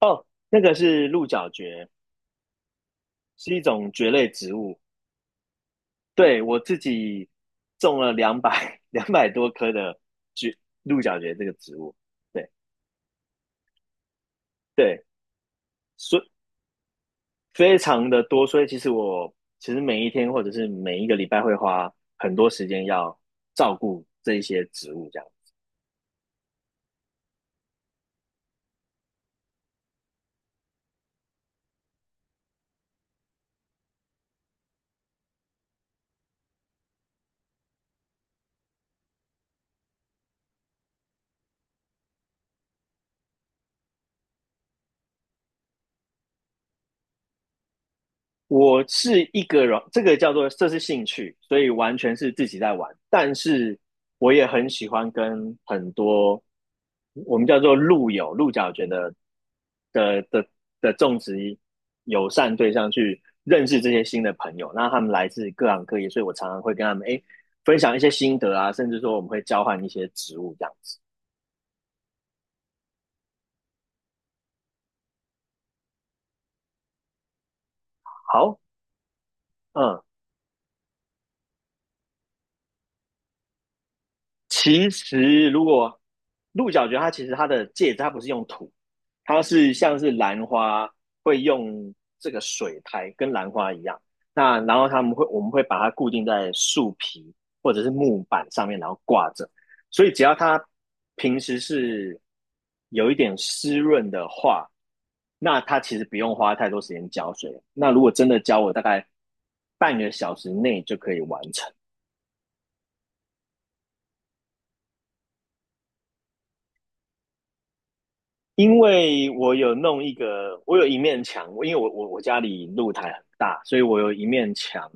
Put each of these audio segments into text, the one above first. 哦，那个是鹿角蕨，是一种蕨类植物。对，我自己种了两百 多棵的蕨鹿角蕨这个植物。对对，所非常的多，所以其实每一天或者是每一个礼拜会花很多时间要照顾这一些植物，这样。我是一个人，这个叫做这是兴趣，所以完全是自己在玩。但是我也很喜欢跟很多我们叫做路友、鹿角蕨的的的种植友善对象去认识这些新的朋友。那他们来自各行各业，所以我常常会跟他们分享一些心得啊，甚至说我们会交换一些植物这样子。好，嗯，其实如果鹿角蕨，它其实它的介质它不是用土，它是像是兰花会用这个水苔跟兰花一样，那然后他们会我们会把它固定在树皮或者是木板上面，然后挂着，所以只要它平时是有一点湿润的话，那它其实不用花太多时间浇水。那如果真的浇，我大概半个小时内就可以完成。因为我有弄一个，我有一面墙，因为我家里露台很大，所以我有一面墙，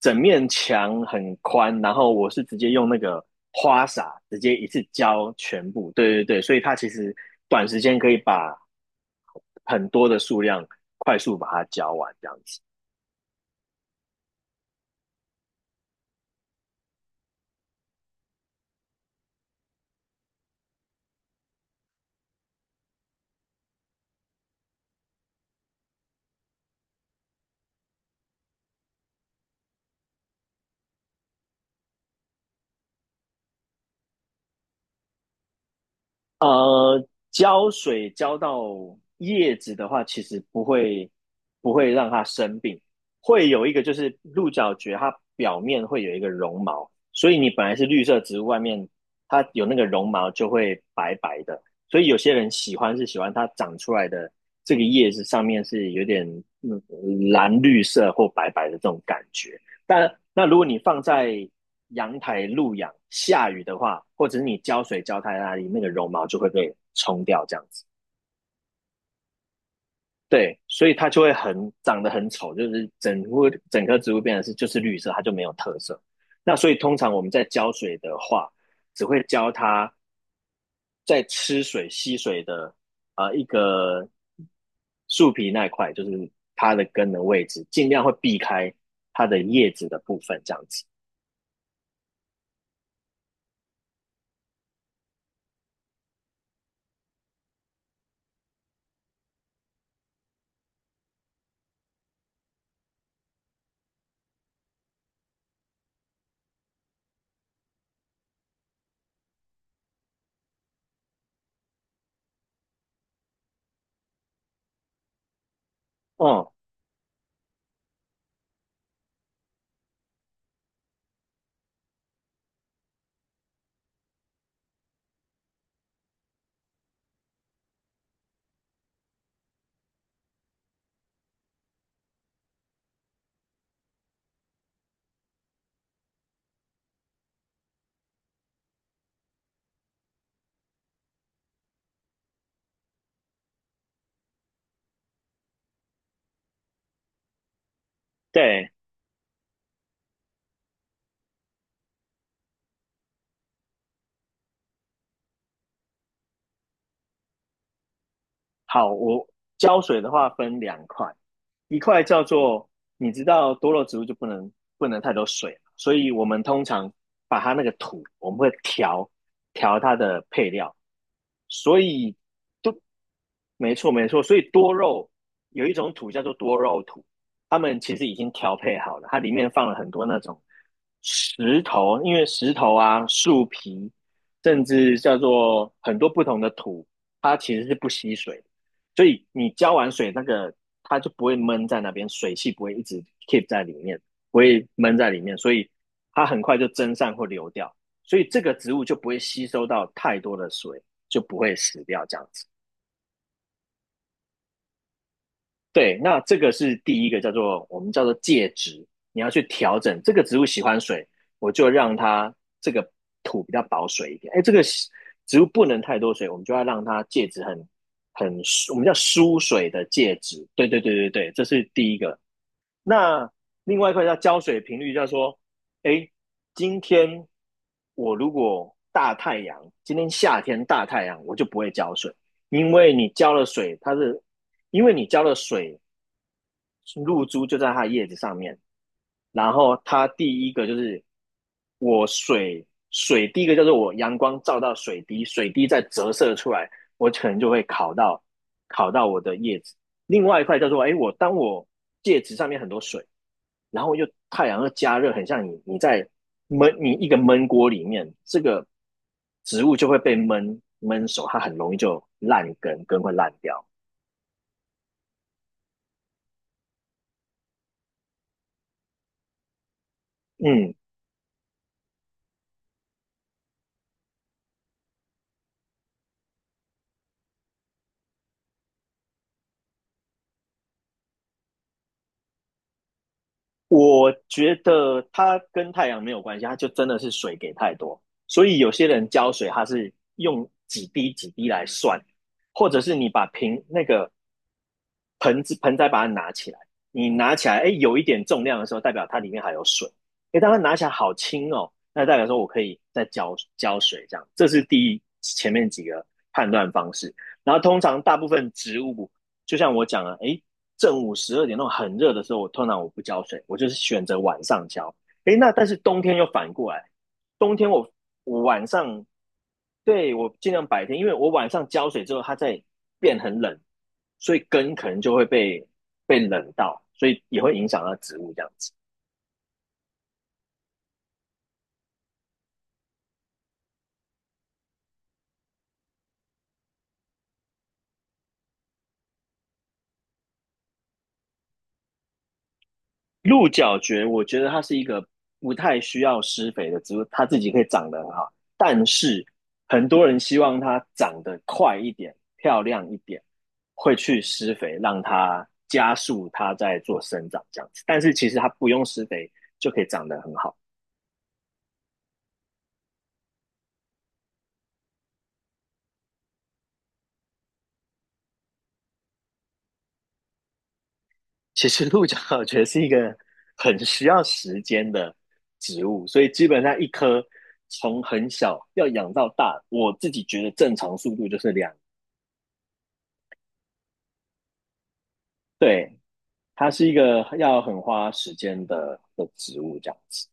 整面墙很宽，然后我是直接用那个花洒直接一次浇全部，对对对，所以它其实短时间可以把很多的数量快速把它浇完，这样子。呃，浇水浇到叶子的话，其实不会让它生病，会有一个就是鹿角蕨，它表面会有一个绒毛，所以你本来是绿色植物，外面它有那个绒毛就会白白的，所以有些人喜欢是喜欢它长出来的这个叶子上面是有点蓝绿色或白白的这种感觉。但那如果你放在阳台露养，下雨的话，或者是你浇水浇太大里面的绒毛就会被冲掉，这样子。对，所以它就会很长得很丑，就是整棵植物变成就是绿色，它就没有特色。那所以通常我们在浇水的话，只会浇它在吃水吸水的一个树皮那一块，就是它的根的位置，尽量会避开它的叶子的部分，这样子。嗯，对，好，我浇水的话分两块，一块叫做你知道多肉植物就不能太多水嘛，所以我们通常把它那个土，我们会调它的配料，所以都没错，没错。所以多肉有一种土叫做多肉土，他们其实已经调配好了，它里面放了很多那种石头，因为石头啊、树皮，甚至叫做很多不同的土，它其实是不吸水的，所以你浇完水，那个它就不会闷在那边，水汽不会一直 keep 在里面，不会闷在里面，所以它很快就蒸散或流掉，所以这个植物就不会吸收到太多的水，就不会死掉这样子。对，那这个是第一个叫做我们叫做介质，你要去调整这个植物喜欢水，我就让它这个土比较保水一点。哎，这个植物不能太多水，我们就要让它介质很很我们叫疏水的介质。对对对对对，这是第一个。那另外一块叫浇水频率，叫做哎，今天我如果大太阳，今天夏天大太阳，我就不会浇水，因为你浇了水，它是因为你浇了水。露珠就在它的叶子上面。然后它第一个就是我水水，第一个叫做我阳光照到水滴，水滴再折射出来，我可能就会烤到我的叶子。另外一块叫做，哎，我当我戒指上面很多水，然后又太阳又加热，很像你在闷你一个闷锅里面，这个植物就会被闷熟，它很容易就烂根，根会烂掉。嗯，我觉得它跟太阳没有关系，它就真的是水给太多，所以有些人浇水，它是用几滴几滴来算，或者是你把瓶那个盆子盆栽把它拿起来，你拿起来，哎，有一点重量的时候，代表它里面还有水。哎，当它拿起来好轻哦，那代表说我可以再浇水这样。这是第一前面几个判断方式。然后通常大部分植物，就像我讲了，哎，正午12点那种很热的时候，我通常不浇水，我就是选择晚上浇。哎，那但是冬天又反过来，冬天我对，我尽量白天，因为我晚上浇水之后，它在变很冷，所以根可能就会被冷到，所以也会影响到植物这样子。鹿角蕨，我觉得它是一个不太需要施肥的植物，它自己可以长得很好，但是很多人希望它长得快一点、漂亮一点，会去施肥，让它加速它在做生长这样子。但是其实它不用施肥就可以长得很好。其实鹿角 我觉得是一个很需要时间的植物，所以基本上一颗从很小要养到大，我自己觉得正常速度就是两，对，它是一个要很花时间的植物这样子。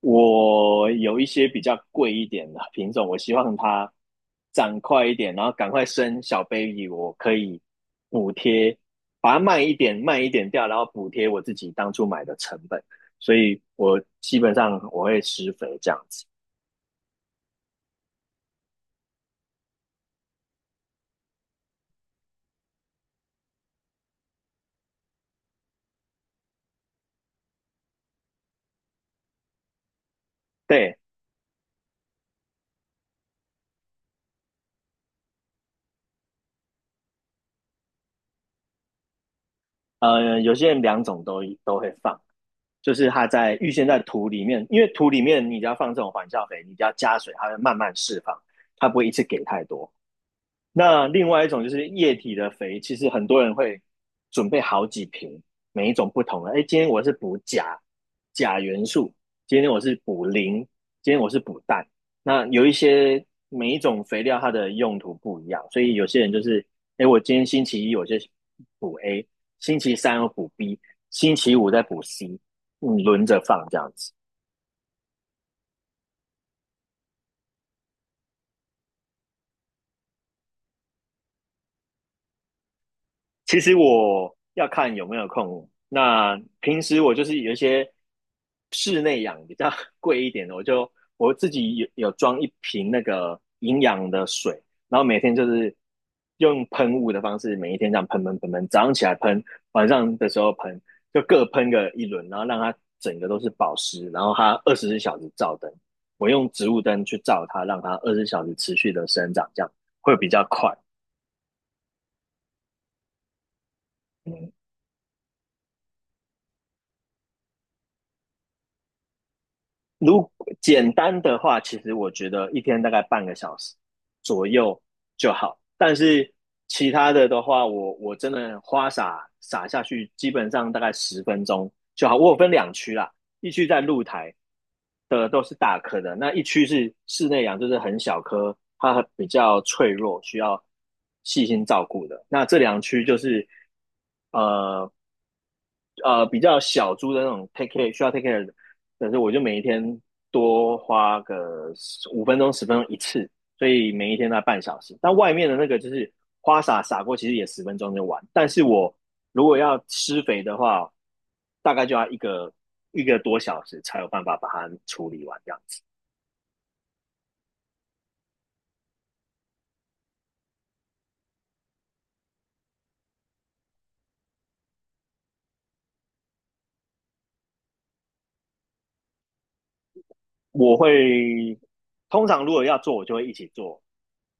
我有一些比较贵一点的品种，我希望它长快一点，然后赶快生小 baby,我可以补贴，把它卖一点掉，然后补贴我自己当初买的成本。所以我基本上会施肥这样子。对，呃，有些人两种都会放，就是它在预先在土里面，因为土里面你只要放这种缓效肥，你只要加水，它会慢慢释放，它不会一次给太多。那另外一种就是液体的肥，其实很多人会准备好几瓶，每一种不同的。哎，今天我是补钾元素，今天我是补磷，今天我是补氮。那有一些每一种肥料它的用途不一样，所以有些人就是，哎，我今天星期一我就补 A,星期三我补 B,星期五再补 C,轮着放这样子。其实我要看有没有空。那平时我就是有一些室内养比较 贵一点的，我自己有装一瓶那个营养的水，然后每天就是用喷雾的方式，每一天这样喷喷喷喷，早上起来喷，晚上的时候喷，就各喷个一轮，然后让它整个都是保湿，然后它二十四小时照灯，我用植物灯去照它，让它二十四小时持续的生长，这样会比较快。嗯如简单的话，其实我觉得一天大概半个小时左右就好。但是其他的话，我真的花洒洒下去，基本上大概十分钟就好。我有分两区啦，一区在露台的都是大颗的，那一区是室内养，就是很小颗，它比较脆弱，需要细心照顾的。那这两区就是呃比较小猪的那种 take care 的，但是我就每一天多花个5分钟10分钟一次，所以每一天大概半小时。但外面的那个就是花洒洒过，其实也十分钟就完。但是我如果要施肥的话，大概就要一个多小时才有办法把它处理完这样子。我会通常如果要做，我就会一起做。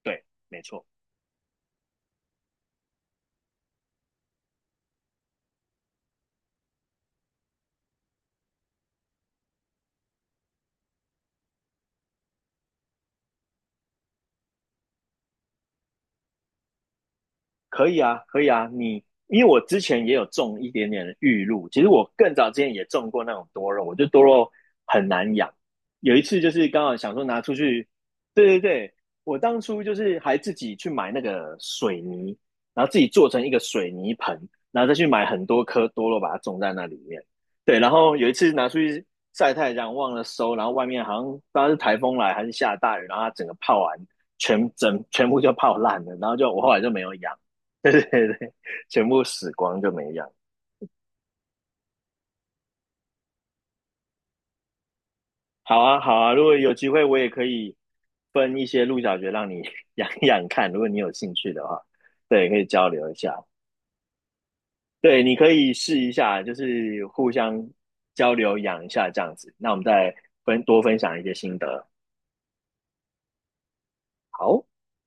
对，没错。可以啊，可以啊，你因为我之前也有种一点点的玉露，其实我更早之前也种过那种多肉，我觉得多肉很难养。有一次就是刚好想说拿出去，对对对，我当初就是还自己去买那个水泥，然后自己做成一个水泥盆，然后再去买很多颗多肉把它种在那里面。对，然后有一次拿出去晒太阳忘了收，然后外面好像不知道是台风来还是下大雨，然后它整个泡完全部就泡烂了，然后就我后来就没有养。对对对，全部死光就没养。好啊，好啊，如果有机会，我也可以分一些鹿角蕨让你 养一养看，如果你有兴趣的话，对，可以交流一下。对，你可以试一下，就是互相交流养一下这样子。那我们再多分享一些心得。好。